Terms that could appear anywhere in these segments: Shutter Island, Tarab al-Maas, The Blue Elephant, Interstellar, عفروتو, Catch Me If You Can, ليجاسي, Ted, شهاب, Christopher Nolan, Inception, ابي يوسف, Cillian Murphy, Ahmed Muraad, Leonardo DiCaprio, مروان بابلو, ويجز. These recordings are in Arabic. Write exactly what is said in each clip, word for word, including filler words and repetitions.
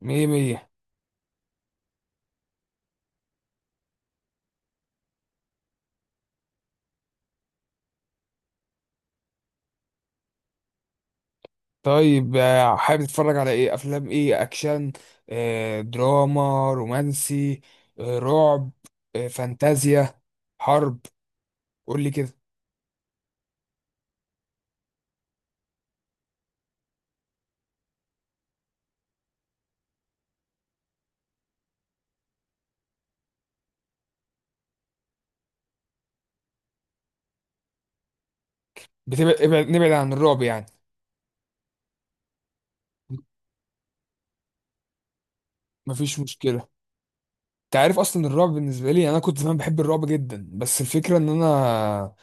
مية مية. طيب آه، حابب تتفرج على ايه؟ افلام ايه؟ اكشن، آه، دراما، رومانسي، آه، رعب، آه، فانتازيا، حرب؟ قول لي كده. بتبعد ابعد نبعد عن الرعب يعني. مفيش مشكلة. انت عارف اصلا الرعب بالنسبه لي، يعني انا كنت زمان بحب الرعب جدا، بس الفكره ان انا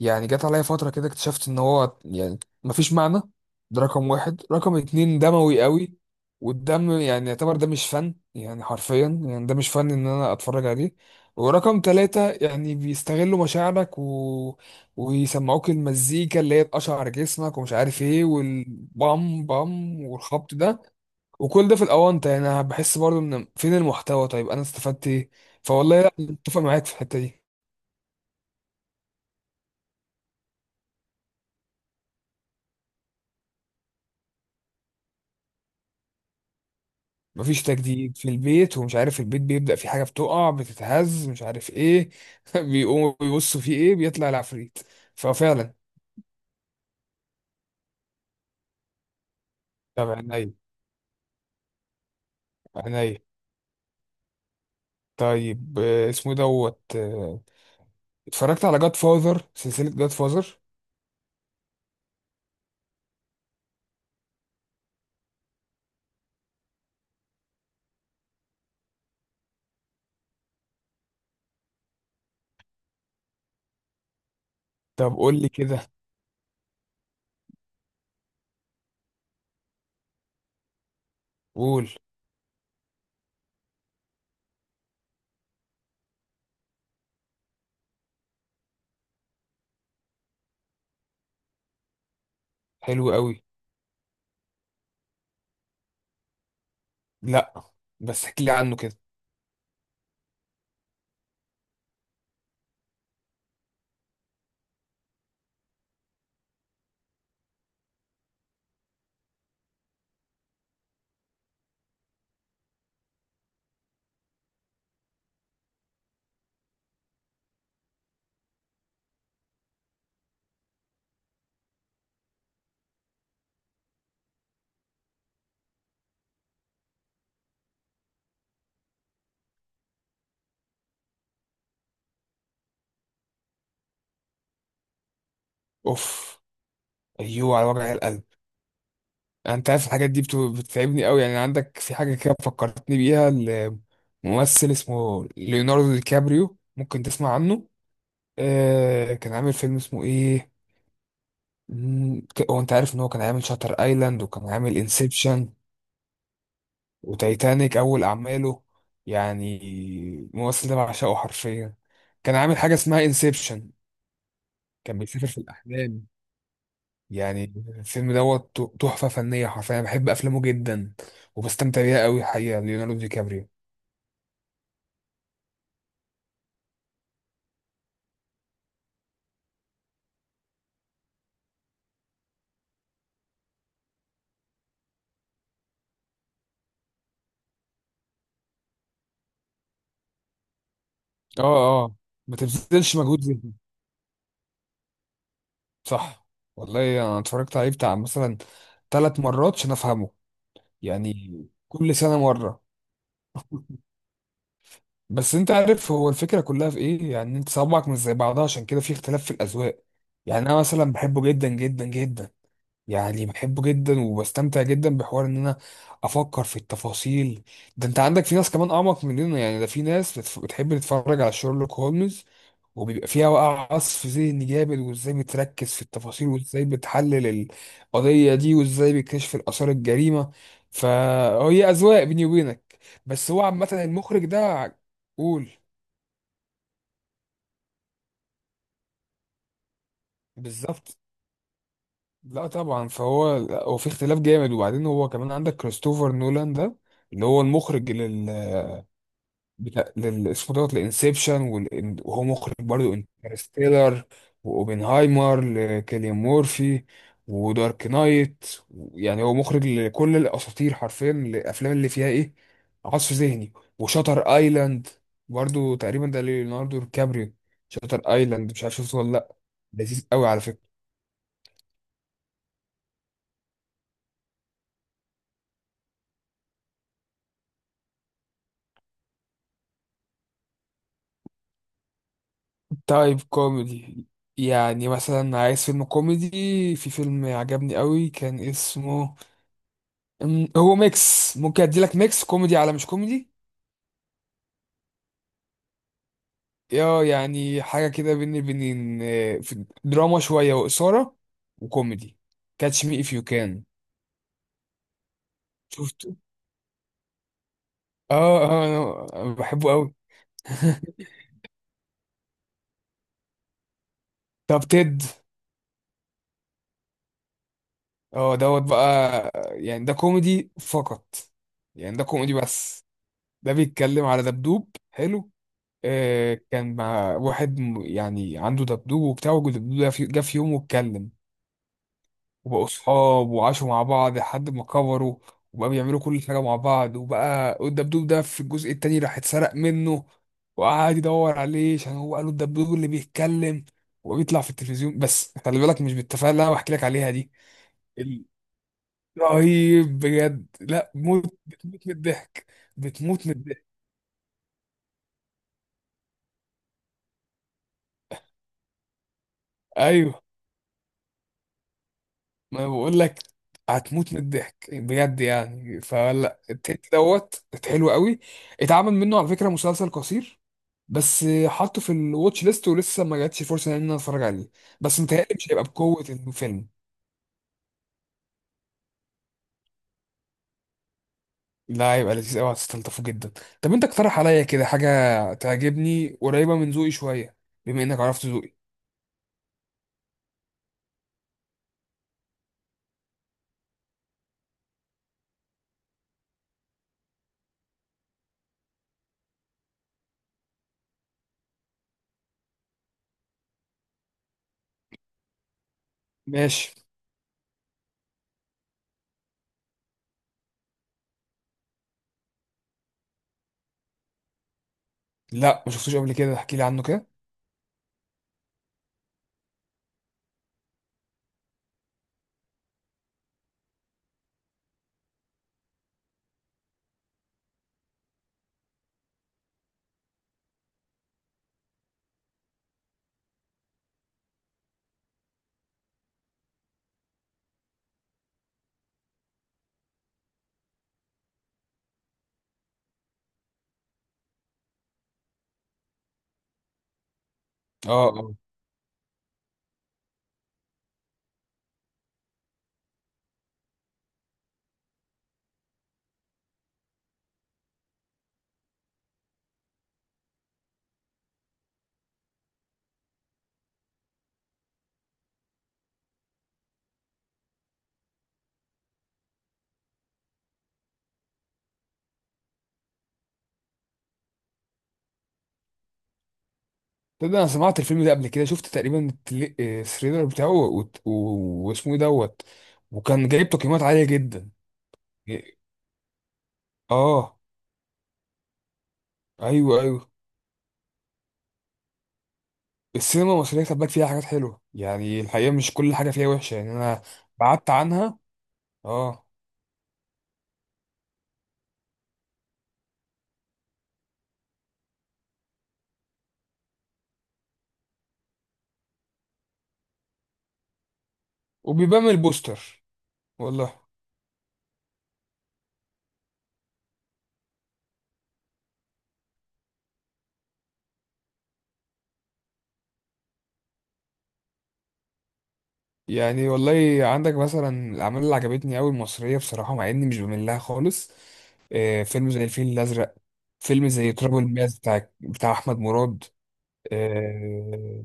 يعني جت عليا فتره كده اكتشفت ان هو يعني مفيش معنى. ده رقم واحد. رقم اتنين دموي قوي، والدم يعني يعتبر ده مش فن، يعني حرفيا يعني ده مش فن ان انا اتفرج عليه. ورقم تلاتة يعني بيستغلوا مشاعرك و... ويسمعوك المزيكا اللي هي تقشعر جسمك ومش عارف ايه، والبام بام والخبط ده، وكل ده في الاونطه. يعني انا بحس برضو ان فين المحتوى؟ طيب انا استفدت ايه؟ فوالله لا، متفق معاك في الحته دي. مفيش تجديد، في البيت ومش عارف، البيت بيبدأ في حاجه بتقع، بتتهز، مش عارف ايه. بيقوموا بيبصوا في ايه؟ بيطلع العفريت. ففعلا. طب عينيا، عينيا. طيب آه، اسمه إيه دوت آه، اتفرجت على جاد فاذر، سلسله جاد فاذر. طب قول لي كده. قول. حلو قوي. لا، بس احكي لي عنه كده. اوف، ايوه، على وجع القلب. انت عارف الحاجات دي بت- بتتعبني قوي. يعني عندك في حاجه كده فكرتني بيها. الممثل اسمه ليوناردو دي كابريو، ممكن تسمع عنه. آه كان عامل فيلم اسمه ايه؟ مم، ك- هو انت عارف ان هو كان عامل شاتر ايلاند، وكان عامل انسبشن وتايتانيك؟ اول اعماله يعني. الممثل ده بعشقه حرفيا. كان عامل حاجه اسمها انسبشن، كان بيسافر في الاحلام يعني. الفيلم دوت تحفه فنيه حرفيا، أنا بحب افلامه جدا، وبستمتع بيها قوي الحقيقه. ليوناردو دي كابريو. اه، اه. ما تبذلش مجهود ذهني، صح. والله انا اتفرجت عليه بتاع مثلا ثلاث مرات عشان افهمه. يعني كل سنه مره. بس انت عارف هو الفكره كلها في ايه؟ يعني انت صوابعك مش زي بعضها، عشان كده في اختلاف في الاذواق. يعني انا مثلا بحبه جدا جدا جدا، يعني بحبه جدا وبستمتع جدا بحوار ان انا افكر في التفاصيل. ده انت عندك في ناس كمان اعمق مننا، يعني ده في ناس بتف- بتحب تتفرج على شيرلوك هولمز، وبيبقى فيها بقى عصف ذهني جامد، وازاي بتركز في التفاصيل، وازاي بتحلل القضية دي، وازاي بيكشف الآثار الجريمة. فهي أذواق، بيني وبينك. بس هو عامة المخرج ده ع- قول. بالظبط. لا طبعا، فهو هو في اختلاف جامد. وبعدين هو كمان عندك كريستوفر نولان ده اللي هو المخرج بتاع لل- اسمه دوت الانسبشن. وهو مخرج برضو انترستيلر، واوبنهايمر لكيليان مورفي، ودارك نايت. يعني هو مخرج لكل الاساطير حرفيا، الافلام اللي فيها ايه؟ عصف ذهني. وشاتر ايلاند برضو تقريبا ده ليوناردو ديكابريو. شاتر ايلاند مش عارف شفته ولا لا؟ لذيذ قوي على فكره. تايب كوميدي؟ يعني مثلا عايز فيلم كوميدي. في فيلم عجبني قوي كان اسمه أم، هو ميكس، ممكن ادي لك ميكس كوميدي على مش كوميدي. اه، يعني حاجه كده بين البنين آه، في دراما شويه، واثاره، وكوميدي. كاتش مي اف يو كان. شفته. اه، اه، أنا بحبه قوي. طب تيد؟ اه دوت بقى، يعني ده كوميدي فقط، يعني ده كوميدي بس. ده بيتكلم على دبدوب حلو. آه كان مع واحد م- يعني عنده دبدوب وبتاع، والدبدوب ده في- جه في يوم واتكلم، وبقوا صحاب وعاشوا مع بعض لحد ما كبروا، وبقى بيعملوا كل حاجة مع بعض. وبقى الدبدوب ده في الجزء التاني راح اتسرق منه، وقعد يدور عليه عشان هو قالوا الدبدوب اللي بيتكلم، وبيطلع في التلفزيون. بس خلي بالك مش بالتفاهة اللي انا بحكي لك عليها دي. ال- رهيب بجد، لا موت، بتموت من الضحك. بتموت من الضحك. ايوه، ما أنا بقول لك هتموت من الضحك بجد. يعني فلا التيت دوت حلو قوي. اتعمل منه على فكرة مسلسل قصير، بس حاطه في الواتش ليست، ولسه ما جاتش فرصه ان انا اتفرج عليه. بس متهيألي مش هيبقى بقوه الفيلم. لا، هيبقى لذيذ قوي، هتستلطفه جدا. طب انت اقترح عليا كده حاجه تعجبني، قريبه من ذوقي شويه، بما انك عرفت ذوقي. ماشي. لا ما شفتوش قبل كده، احكي لي عنه كده. اه، اه. تبدأ. انا سمعت الفيلم ده قبل كده، شفت تقريبا التل- آه، التريلر بتاعه، و- و- واسمه ايه دوت. وكان جايب تقييمات عاليه جدا. اه، ايوه، ايوه. السينما المصرية خد بالك فيها حاجات حلوة، يعني الحقيقة مش كل حاجة فيها وحشة. يعني أنا بعدت عنها. اه. وبيبان من البوستر، والله. يعني والله عندك مثلا الأعمال اللي عجبتني أوي المصرية، بصراحة مع إني مش بميل لها خالص. آه فيلم زي الفيل الأزرق، فيلم زي تراب الماس بتاع بتاع أحمد مراد. آه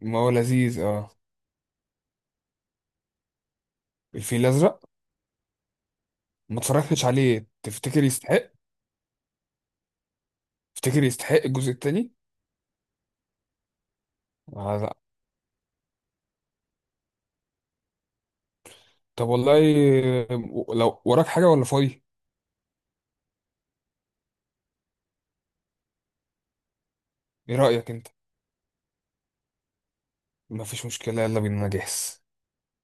ما هو لذيذ، اه. الفيل الأزرق ما اتفرجتش عليه، تفتكر يستحق؟ تفتكر يستحق الجزء التاني؟ آه، لا. طب والله، آه، لو وراك حاجة ولا فاضي؟ ايه رأيك انت؟ مفيش مشكلة، يلا بينا، انا جاهز.